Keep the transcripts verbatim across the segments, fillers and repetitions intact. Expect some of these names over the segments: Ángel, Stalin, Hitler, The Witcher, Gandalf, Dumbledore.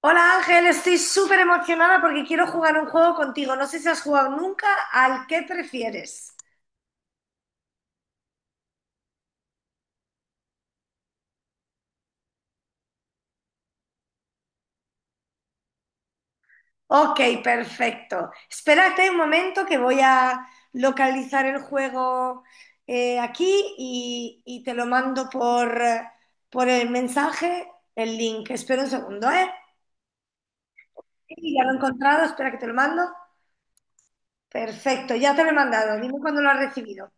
Hola Ángel, estoy súper emocionada porque quiero jugar un juego contigo. No sé si has jugado nunca al que prefieres. Ok, perfecto. Espérate un momento que voy a localizar el juego eh, aquí y, y te lo mando por, eh, por el mensaje, el link. Espera un segundo, ¿eh? Sí, ya lo he encontrado, espera que te lo mando. Perfecto, ya te lo he mandado. Dime cuándo lo has recibido.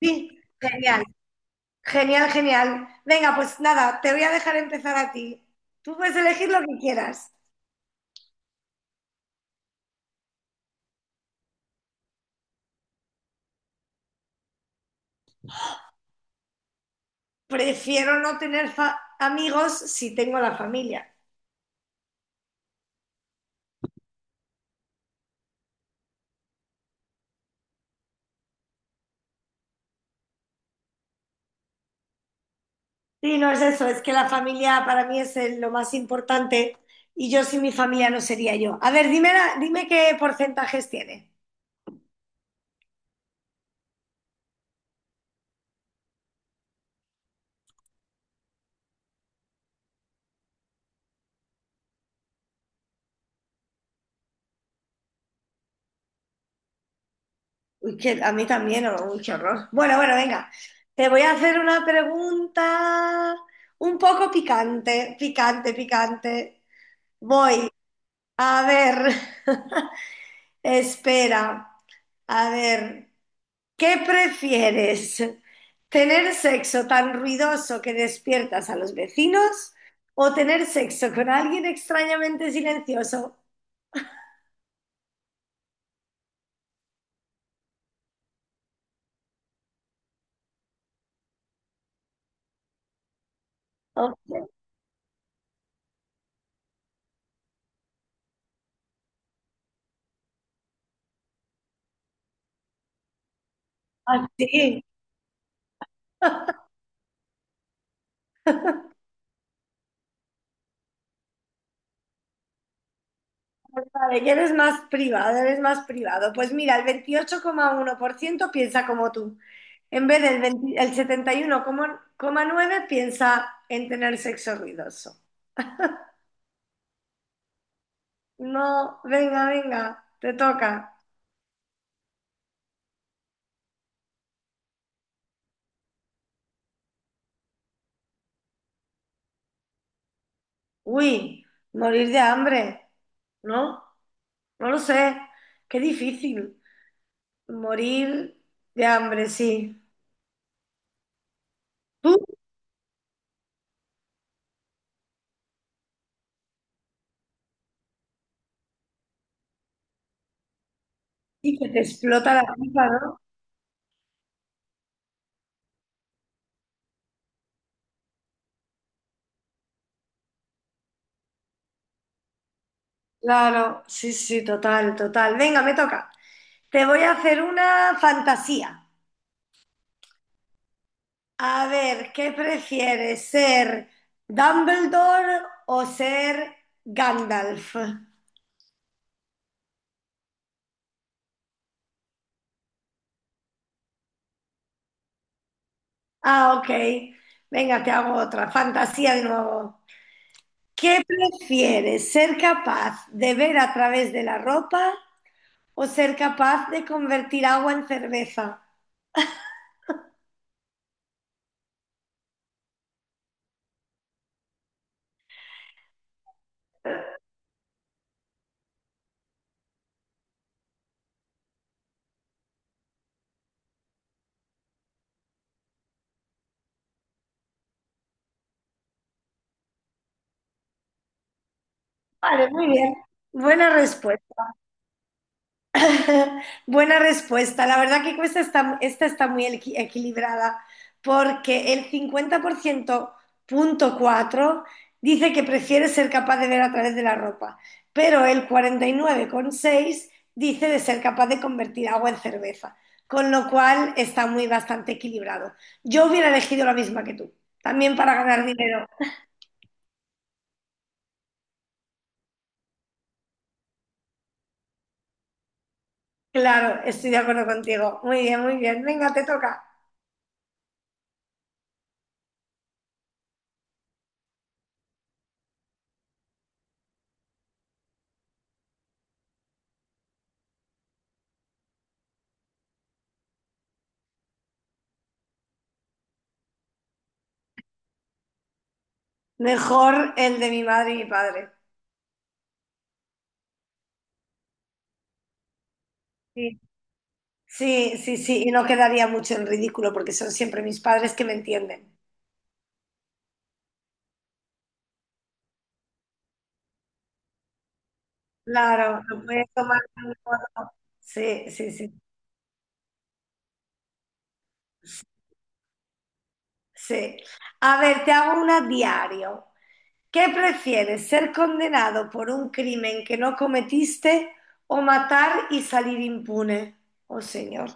Sí, genial. Genial, genial. Venga, pues nada, te voy a dejar empezar a ti. Tú puedes elegir lo que quieras. Prefiero no tener fa- amigos si tengo la familia. Sí, no es eso, es que la familia para mí es el- lo más importante y yo sin mi familia no sería yo. A ver, dime, la- dime qué porcentajes tiene. Uy, que a mí también, oh, uy, qué horror. Bueno, bueno, venga. Te voy a hacer una pregunta un poco picante, picante, picante. Voy, a ver. Espera, a ver, ¿qué prefieres? ¿Tener sexo tan ruidoso que despiertas a los vecinos o tener sexo con alguien extrañamente silencioso? Ok. Así, vale, que eres más privado, eres más privado. Pues mira, el veintiocho coma uno por ciento piensa como tú. En vez del veinte, el setenta y uno coma nueve por ciento piensa en tener sexo ruidoso. No, venga, venga, te toca. Uy, morir de hambre, ¿no? No lo sé. Qué difícil. Morir de hambre, sí. Tú sí que te explota la pipa, ¿no? Claro, sí, sí, total, total. Venga, me toca. Te voy a hacer una fantasía. A ver, ¿qué prefieres, ser Dumbledore o ser Gandalf? Ah, ok. Venga, te hago otra. Fantasía de nuevo. ¿Qué prefieres, ser capaz de ver a través de la ropa o ser capaz de convertir agua en cerveza? Vale, muy bien. Buena respuesta. Buena respuesta. La verdad que esta está, esta está muy equi- equilibrada porque el cincuenta por ciento punto cuatro dice que prefiere ser capaz de ver a través de la ropa, pero el cuarenta y nueve coma seis dice de ser capaz de convertir agua en cerveza, con lo cual está muy bastante equilibrado. Yo hubiera elegido la misma que tú, también para ganar dinero. Claro, estoy de acuerdo contigo. Muy bien, muy bien. Venga, te toca. Mejor el de mi madre y mi padre. Sí. Sí, sí, sí, y no quedaría mucho en ridículo porque son siempre mis padres que me entienden. Claro, lo puedes tomar de un modo- Sí, sí, sí, sí. A ver, te hago una diario. ¿Qué prefieres, ser condenado por un crimen que no cometiste o matar y salir impune? Oh, señor.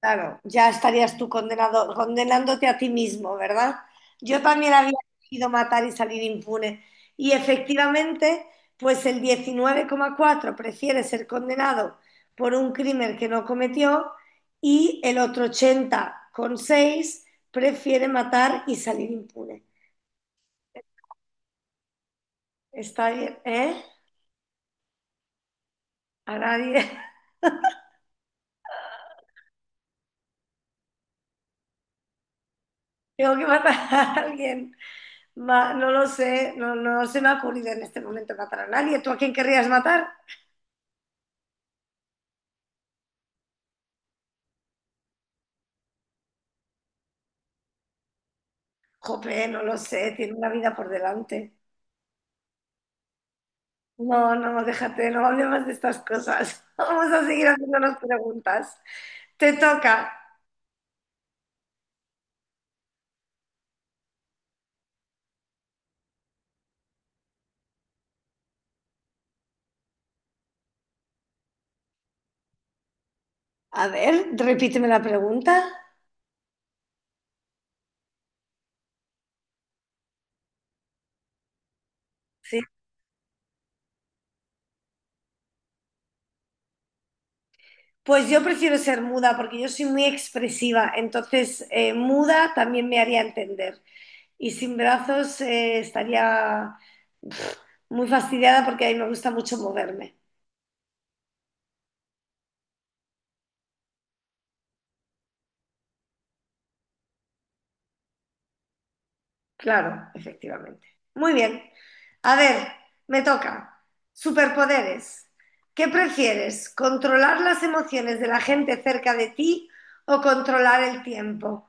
Claro, ya estarías tú condenado, condenándote a ti mismo, ¿verdad? Yo también había decidido matar y salir impune. Y efectivamente, pues el diecinueve coma cuatro prefiere ser condenado por un crimen que no cometió y el otro ochenta coma seis prefiere matar y salir impune. Está bien, ¿eh? A nadie. Tengo que matar a alguien. Ma- no lo sé, no, no se me ha ocurrido en este momento matar a nadie. ¿Tú a quién querrías matar? Jope, no lo sé, tiene una vida por delante. No, no, déjate, no hablemos de estas cosas. Vamos a seguir haciéndonos preguntas. Te toca. A ver, repíteme la pregunta. Sí. Pues yo prefiero ser muda porque yo soy muy expresiva, entonces eh, muda también me haría entender. Y sin brazos eh, estaría muy fastidiada porque a mí me gusta mucho moverme. Claro, efectivamente. Muy bien. A ver, me toca. Superpoderes. ¿Qué prefieres? ¿Controlar las emociones de la gente cerca de ti o controlar el tiempo?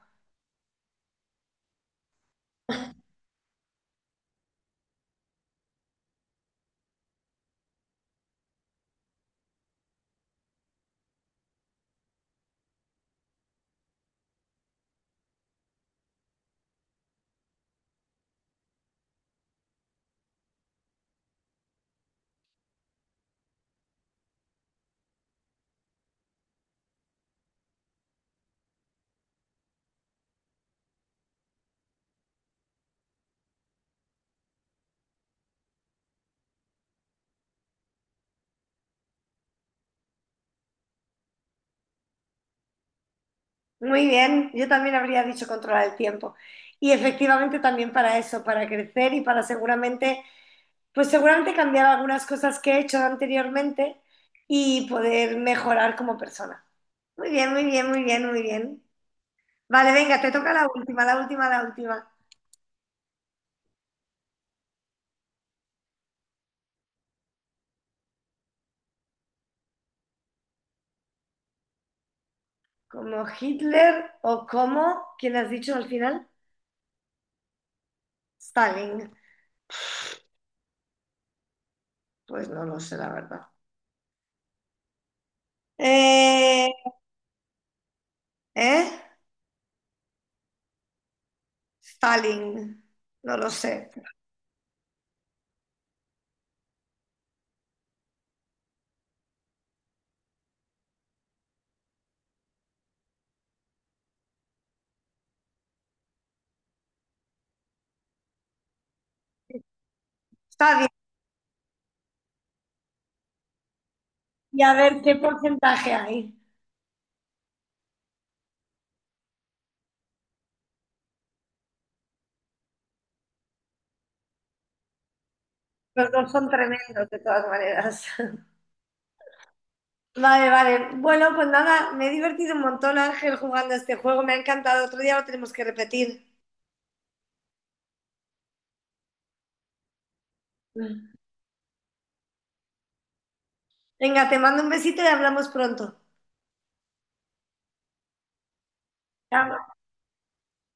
Muy bien, yo también habría dicho controlar el tiempo. Y efectivamente también para eso, para crecer y para seguramente, pues seguramente cambiar algunas cosas que he hecho anteriormente y poder mejorar como persona. Muy bien, muy bien, muy bien, muy bien. Vale, venga, te toca la última, la última, la última. Como Hitler o como, ¿quién has dicho al final? Stalin. Pues no lo sé, la verdad. Eh, ¿eh? Stalin. No lo sé. Está bien. Y a ver qué porcentaje hay. Los dos son tremendos, de todas maneras. Vale, vale. Bueno, pues nada, me he divertido un montón, Ángel, jugando a este juego. Me ha encantado. Otro día lo tenemos que repetir. Venga, te mando un besito y hablamos pronto. Chao.